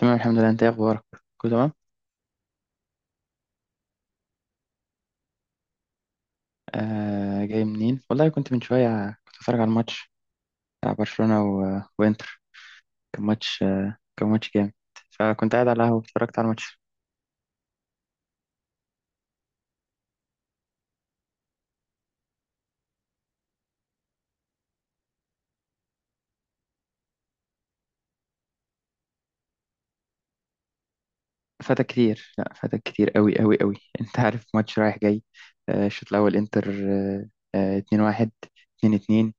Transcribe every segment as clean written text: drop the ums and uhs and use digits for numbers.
تمام، الحمد لله. انت ايه اخبارك؟ كله تمام. آه، جاي منين؟ والله كنت من شويه كنت بتفرج على الماتش بتاع برشلونه وانتر. كان ماتش جامد. فكنت قاعد على القهوه، اتفرجت على الماتش. فاتك كتير، لا، فاتك كتير قوي قوي قوي. انت عارف ماتش رايح جاي. الشوط الاول انتر، 2-1، 2-2.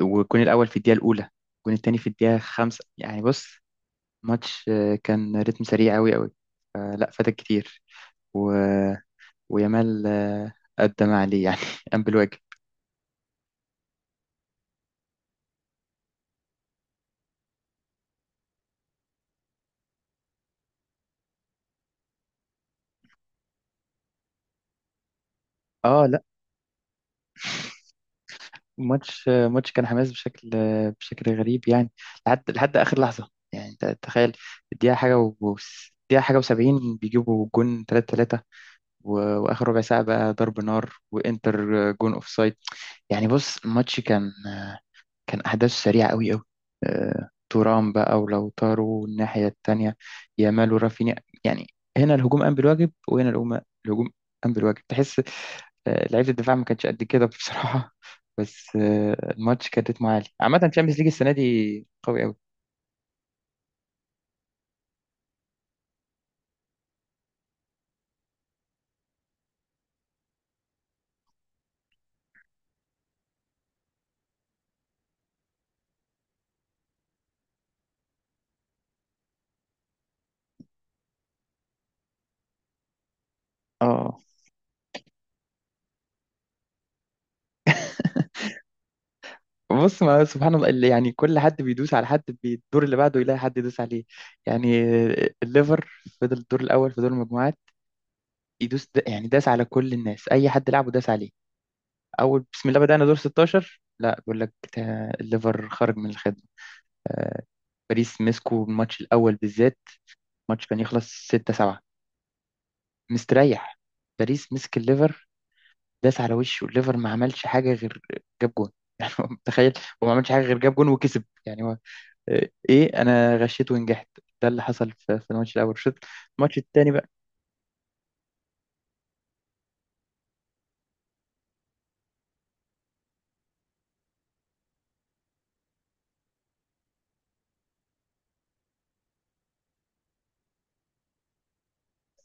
والجون الاول في الدقيقه الاولى، والجون التاني في الدقيقه خمسة. يعني بص، ماتش، كان رتم سريع قوي قوي. لا، فاتك كتير. ويامال، قدم عليه، يعني قام بالواجب. اه، لا. ماتش كان حماس بشكل غريب، يعني. لحد اخر لحظه، يعني تخيل. الدقيقه حاجه و دقيقه حاجه و70، بيجيبوا جون 3-3. واخر ربع ساعه بقى ضرب نار، وانتر جون اوف سايد. يعني بص، الماتش كان أحداث سريعة أوي أوي. تورام بقى ولوتارو الناحية التانية، يامال ورافينيا، يعني، هنا الهجوم قام بالواجب، وهنا الهجوم قام بالواجب، تحس. لعيبة الدفاع ما كانتش قد كده بصراحة. بس الماتش كان رتمه عالي عامة. الشامبيونز ليج السنة دي قوي أوي. اه. بص، ما سبحان الله اللي يعني كل حد بيدوس على حد، بالدور اللي بعده يلاقي حد يدوس عليه. يعني الليفر فضل الدور الأول في دور المجموعات يدوس، يعني داس على كل الناس، أي حد لعبه داس عليه. اول بسم الله بدأنا دور 16، لا، بيقول لك الليفر خرج من الخدمة. آه، باريس مسكوا الماتش الأول بالذات. الماتش كان يخلص 6-7 مستريح. باريس مسك الليفر، داس على وشه. الليفر ما عملش حاجة غير جاب جون. يعني هو متخيل، هو ما عملش حاجة غير جاب جون وكسب. يعني هو، ايه، انا غشيت ونجحت. ده اللي حصل في الماتش الأول، الشوط. الماتش التاني،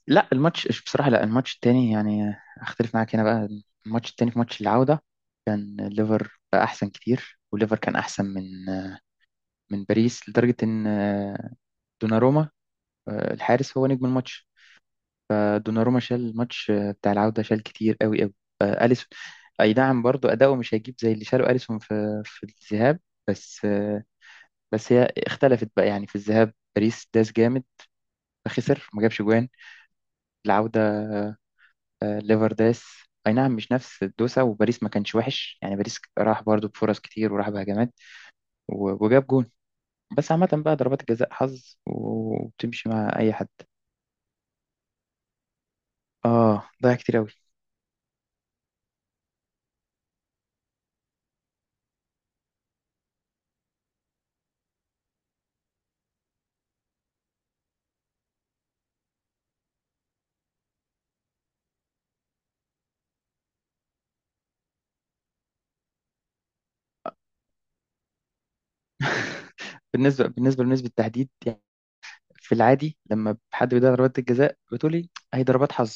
لا، الماتش بصراحة، لا، الماتش التاني يعني اختلف معاك هنا بقى. الماتش التاني في ماتش العودة كان الليفر بقى احسن كتير، والليفر كان احسن من من باريس لدرجة ان دوناروما، الحارس، هو نجم الماتش. دوناروما شال الماتش بتاع العودة، شال كتير قوي قوي. أليسون، اي نعم، برضو اداؤه مش هيجيب زي اللي شاله أليسون في الذهاب. بس بس هي اختلفت بقى. يعني في الذهاب باريس داس جامد، فخسر، ما جابش جوان. العودة، ليفرداس، اي نعم، مش نفس الدوسة، وباريس ما كانش وحش. يعني باريس راح برضو بفرص كتير، وراح بهجمات وجاب جون. بس عامة بقى ضربات الجزاء حظ وبتمشي مع اي حد. اه، ضيع كتير قوي. بالنسبة لنسبة التحديد، يعني في العادي لما حد بيضيع ضربات الجزاء بتقولي هي ضربات حظ.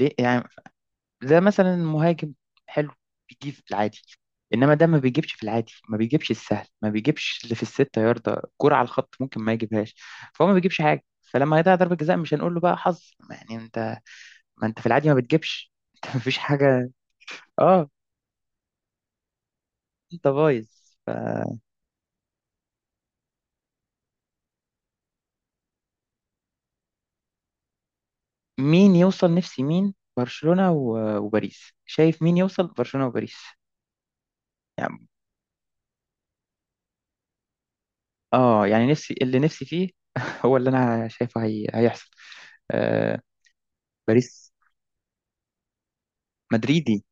ليه يعني؟ زي مثلا المهاجم حلو، بيجيب في العادي. انما ده ما بيجيبش في العادي، ما بيجيبش السهل، ما بيجيبش اللي في الستة يارده، كرة على الخط ممكن ما يجيبهاش. فهو ما بيجيبش حاجة، فلما هيضيع ضربة جزاء مش هنقول له بقى حظ. ما يعني انت، ما انت في العادي ما بتجيبش، انت ما فيش حاجة. اه، انت بايظ. مين يوصل؟ نفسي مين؟ برشلونة وباريس. شايف مين يوصل؟ برشلونة وباريس، يعني. اه، يعني نفسي اللي نفسي فيه. هو اللي انا شايفه هيحصل. آه، باريس. مدريدي.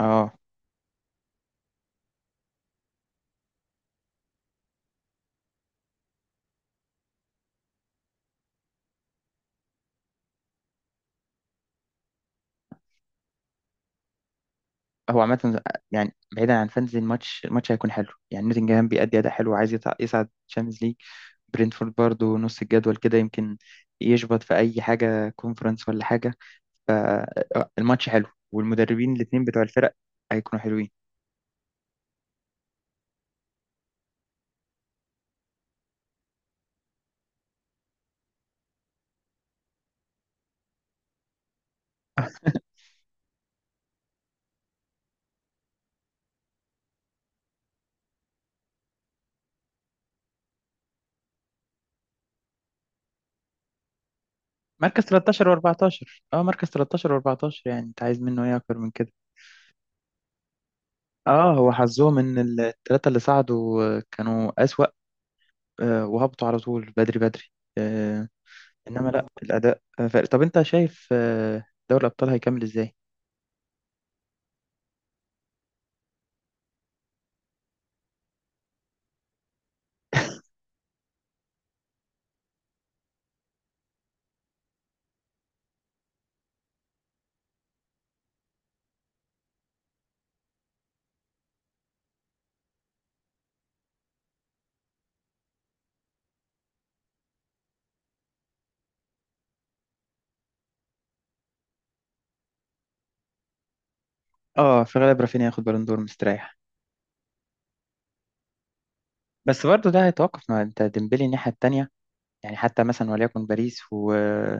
اه. هو عامة، يعني بعيدا عن فانتزي، الماتش هيكون حلو. يعني نوتنجهام بيأدي أداء حلو، عايز يصعد تشامبيونز ليج. برينتفورد برضه نص الجدول كده، يمكن يشبط في أي حاجة، كونفرنس ولا حاجة. فالماتش حلو، والمدربين الاتنين بتوع الفرق هيكونوا حلوين. مركز 13 و14. اه، مركز 13 و14، يعني انت عايز منه ايه اكتر من كده؟ اه، هو حظهم ان الثلاثة اللي صعدوا كانوا أسوأ. وهبطوا على طول بدري بدري. انما لا، الاداء فرق. طب انت شايف دوري الابطال هيكمل ازاي؟ اه، في غالب رافينيا هياخد بالون دور مستريح. بس برضه ده هيتوقف مع، انت، ديمبلي الناحيه التانيه. يعني حتى مثلا وليكن باريس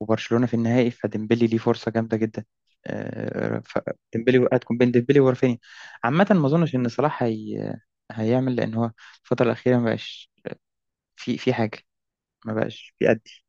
وبرشلونه في النهائي، فديمبلي ليه فرصه جامده جدا. آه، ف- ديمبلي، هتكون بين ديمبلي ورافينيا. عامه، ما اظنش ان صلاح هيعمل، لان هو الفتره الاخيره ما بقاش في حاجه، ما بقاش بيأدي.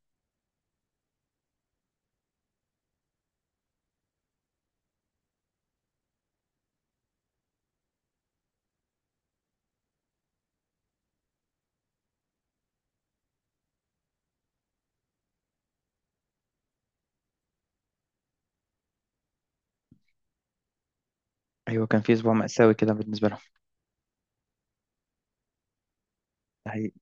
ايوه، كان في اسبوع مأساوي كده بالنسبه لهم. ده حقيقي.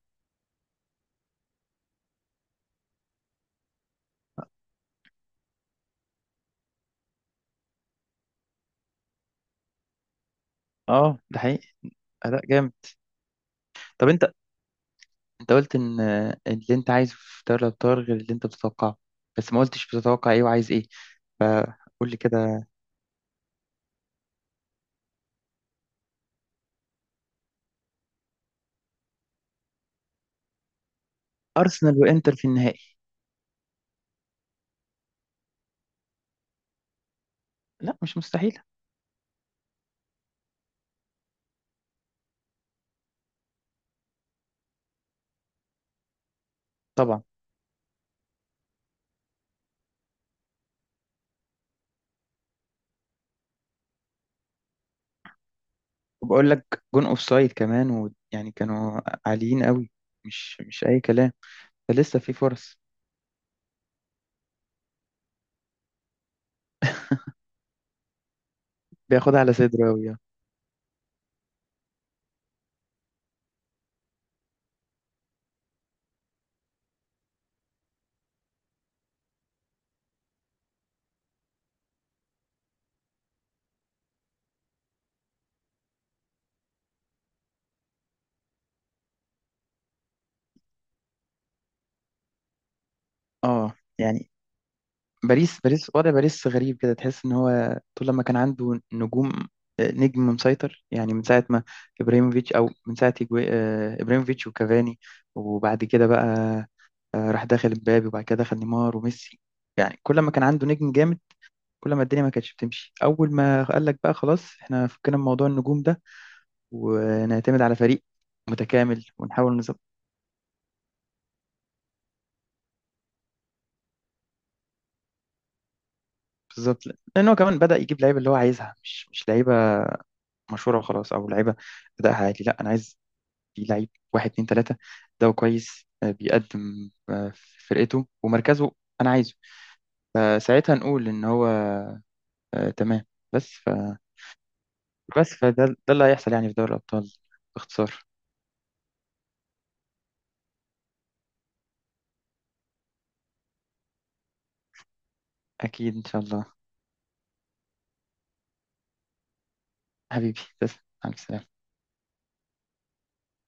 اه، ده حقيقي، اداء جامد. طب انت، انت قلت ان اللي انت عايزه في دوري الابطال غير اللي انت بتتوقعه، بس ما قلتش بتتوقع ايه وعايز ايه. فقول لي كده. ارسنال وانتر في النهائي. لا، مش مستحيل. طبعا. وبقول لك جون اوف سايد كمان، ويعني كانوا عاليين قوي، مش اي كلام. فلسه في فرص. بياخدها على صدره قوي. اه، يعني، باريس وضع باريس غريب كده، تحس ان هو طول لما كان عنده نجوم، نجم مسيطر، يعني من ساعة ما ابراهيموفيتش، او من ساعة ابراهيموفيتش وكافاني، وبعد كده بقى راح داخل مبابي، وبعد كده دخل نيمار وميسي. يعني كل ما كان عنده نجم جامد، كل ما الدنيا ما كانتش بتمشي. اول ما قال لك بقى خلاص، احنا فكنا من موضوع النجوم ده، ونعتمد على فريق متكامل ونحاول نظبط. بالظبط، لان هو كمان بدأ يجيب لعيبه اللي هو عايزها، مش لعيبه مشهوره وخلاص، او لعيبه ادائها عالي. لا، انا عايز في لعيب، واحد اتنين تلاتة، ده كويس، بيقدم في فرقته ومركزه، أنا عايزه. فساعتها نقول إن هو تمام. بس ف بس فده اللي هيحصل، يعني في دوري الأبطال باختصار. أكيد، إن شاء الله. حبيبي، تسلم، مع السلامة.